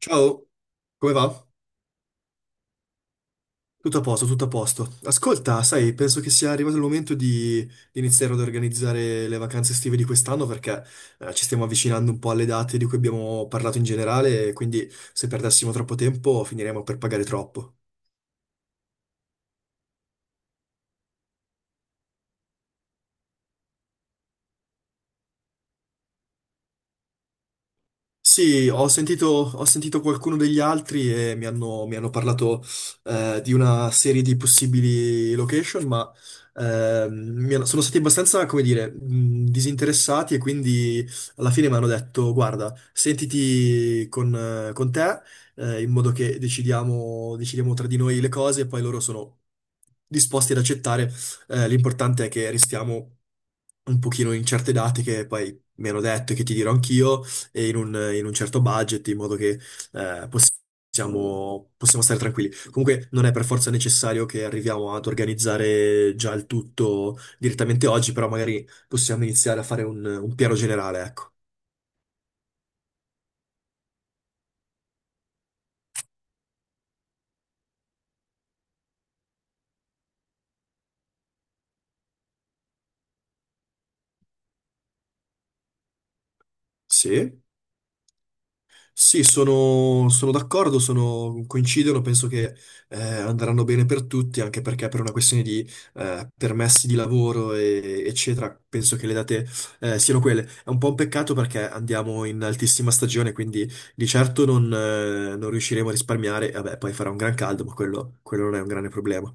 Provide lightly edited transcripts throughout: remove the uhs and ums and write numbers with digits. Ciao, come va? Tutto a posto, tutto a posto. Ascolta, sai, penso che sia arrivato il momento di iniziare ad organizzare le vacanze estive di quest'anno perché ci stiamo avvicinando un po' alle date di cui abbiamo parlato in generale, quindi se perdessimo troppo tempo finiremo per pagare troppo. Sì, ho sentito qualcuno degli altri e mi hanno parlato di una serie di possibili location, ma sono stati abbastanza, come dire, disinteressati e quindi alla fine mi hanno detto, guarda, sentiti con te in modo che decidiamo tra di noi le cose e poi loro sono disposti ad accettare. L'importante è che restiamo un pochino in certe date che poi mi hanno detto e che ti dirò anch'io e in un certo budget, in modo che possiamo stare tranquilli. Comunque non è per forza necessario che arriviamo ad organizzare già il tutto direttamente oggi, però magari possiamo iniziare a fare un piano generale, ecco. Sì. Sì, sono d'accordo, sono- coincidono, penso che andranno bene per tutti, anche perché per una questione di permessi di lavoro, e- eccetera, penso che le date siano quelle. È un po' un peccato perché andiamo in altissima stagione, quindi di certo non riusciremo a risparmiare. Vabbè, poi farà un gran caldo, ma quello non è un grande problema.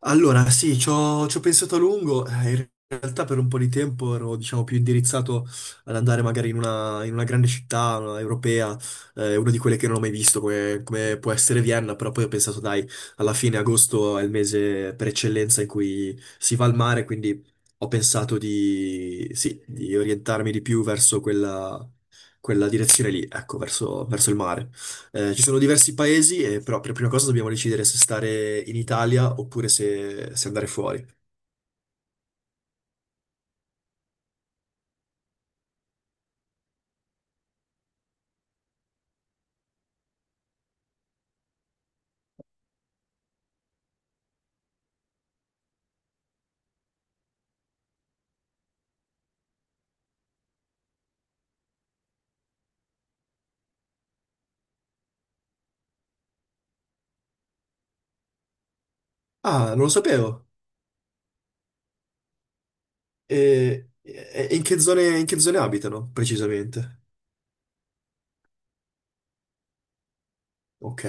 Allora, sì, ci ho pensato a lungo. In realtà per un po' di tempo ero, diciamo, più indirizzato ad andare magari in una grande città una europea, una di quelle che non ho mai visto, come può essere Vienna, però poi ho pensato, dai, alla fine agosto è il mese per eccellenza in cui si va al mare, quindi ho pensato di orientarmi di più verso quella direzione lì, ecco, verso il mare. Ci sono diversi paesi, e però per prima cosa dobbiamo decidere se stare in Italia oppure se andare fuori. Ah, non lo sapevo. E in che zone abitano, precisamente? Ok.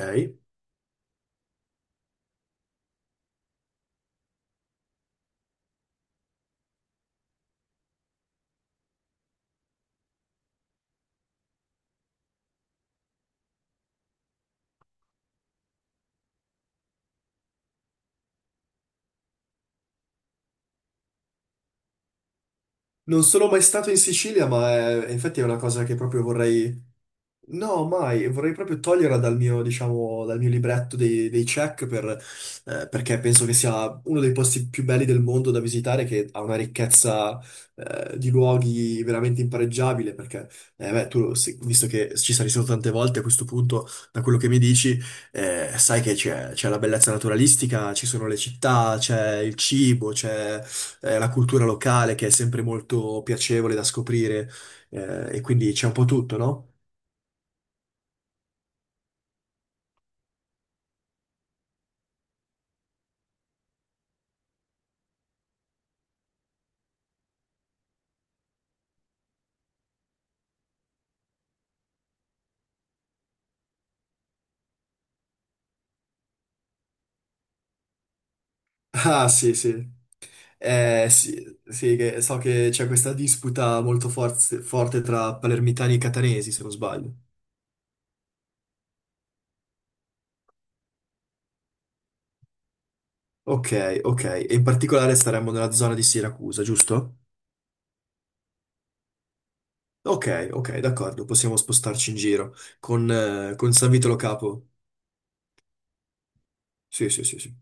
Non sono mai stato in Sicilia, ma è- infatti è una cosa che proprio vorrei. No, mai, vorrei proprio toglierla dal mio, diciamo, dal mio libretto dei check per, perché penso che sia uno dei posti più belli del mondo da visitare, che ha una ricchezza, di luoghi veramente impareggiabile, perché, beh, tu, lo- sì, visto che ci sei stato tante volte a questo punto, da quello che mi dici, sai che c'è la bellezza naturalistica, ci sono le città, c'è il cibo, c'è, la cultura locale che è sempre molto piacevole da scoprire, e quindi c'è un po' tutto, no? Ah, sì, sì. Sì, sì, che- so che c'è questa disputa molto forz- forte tra palermitani e catanesi, se non sbaglio. Ok, ok. E in particolare staremmo nella zona di Siracusa, giusto? Ok, ok, d'accordo, possiamo spostarci in giro. Con San Vito Lo Capo. Sì, sì, sì, sì.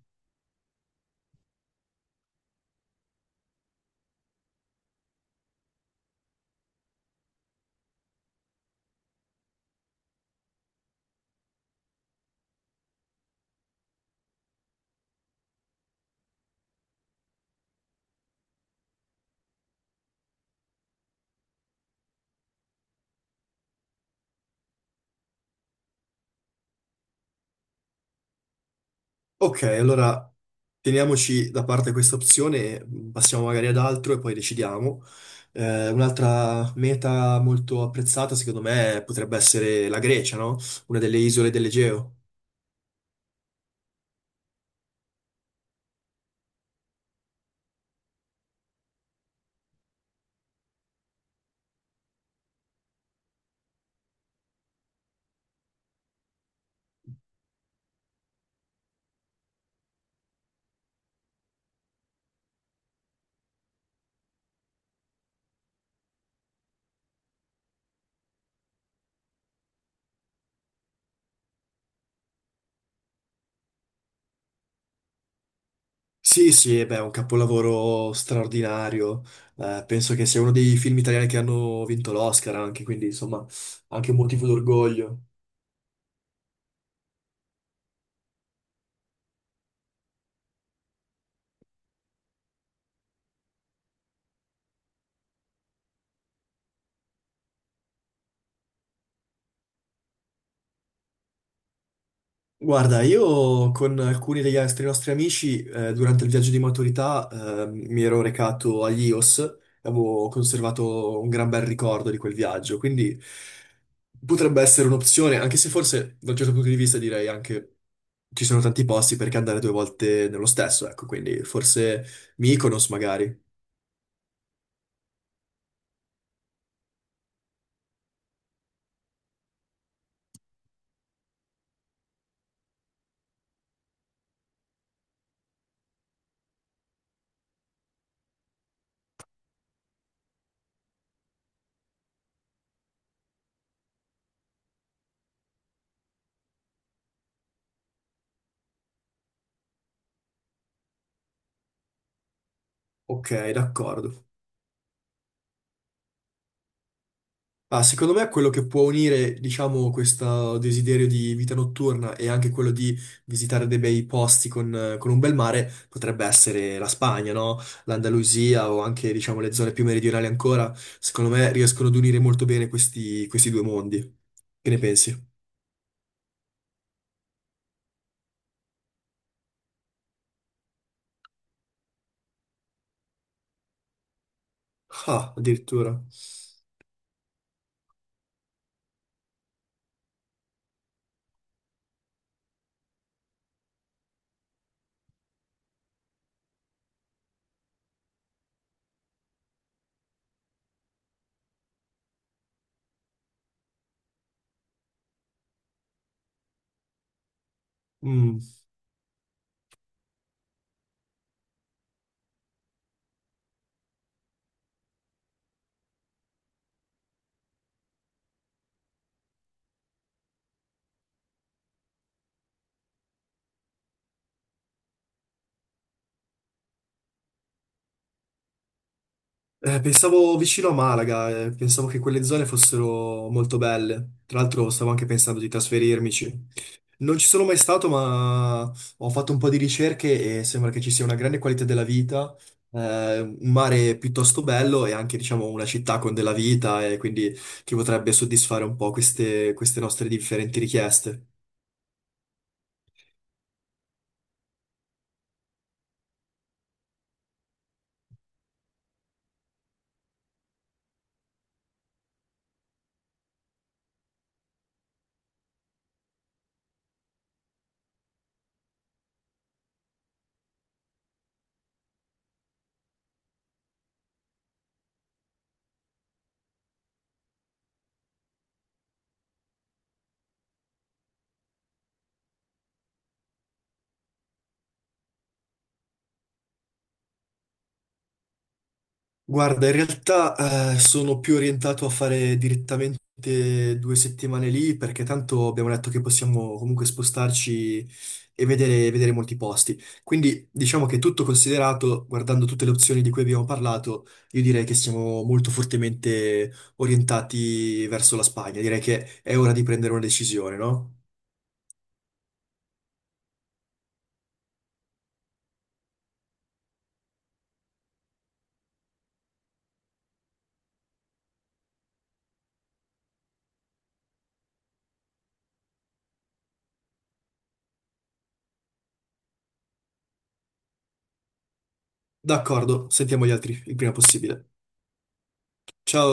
Ok, allora teniamoci da parte questa opzione, passiamo magari ad altro e poi decidiamo. Un'altra meta molto apprezzata, secondo me, potrebbe essere la Grecia, no? Una delle isole dell'Egeo. Sì, sì, e beh, è un capolavoro straordinario. Penso che sia uno dei film italiani che hanno vinto l'Oscar anche, quindi insomma, anche un motivo d'orgoglio. Guarda, io con alcuni degli altri nostri amici durante il viaggio di maturità mi ero recato agli Ios, avevo conservato un gran bel ricordo di quel viaggio, quindi potrebbe essere un'opzione, anche se forse da un certo punto di vista direi anche ci sono tanti posti perché andare 2 volte nello stesso, ecco, quindi forse Mykonos magari. Ok, d'accordo. Ah, secondo me quello che può unire, diciamo, questo desiderio di vita notturna e anche quello di visitare dei bei posti con un bel mare potrebbe essere la Spagna, no? L'Andalusia o anche, diciamo, le zone più meridionali ancora. Secondo me riescono ad unire molto bene questi, questi due mondi. Che ne pensi? Ah, addirittura. Mm. Pensavo vicino a Malaga, pensavo che quelle zone fossero molto belle. Tra l'altro stavo anche pensando di trasferirmici. Non ci sono mai stato, ma ho fatto un po' di ricerche e sembra che ci sia una grande qualità della vita, un mare piuttosto bello e anche, diciamo, una città con della vita e quindi che potrebbe soddisfare un po' queste, queste nostre differenti richieste. Guarda, in realtà sono più orientato a fare direttamente 2 settimane lì perché tanto abbiamo detto che possiamo comunque spostarci e vedere molti posti. Quindi diciamo che tutto considerato, guardando tutte le opzioni di cui abbiamo parlato, io direi che siamo molto fortemente orientati verso la Spagna. Direi che è ora di prendere una decisione, no? D'accordo, sentiamo gli altri il prima possibile. Ciao!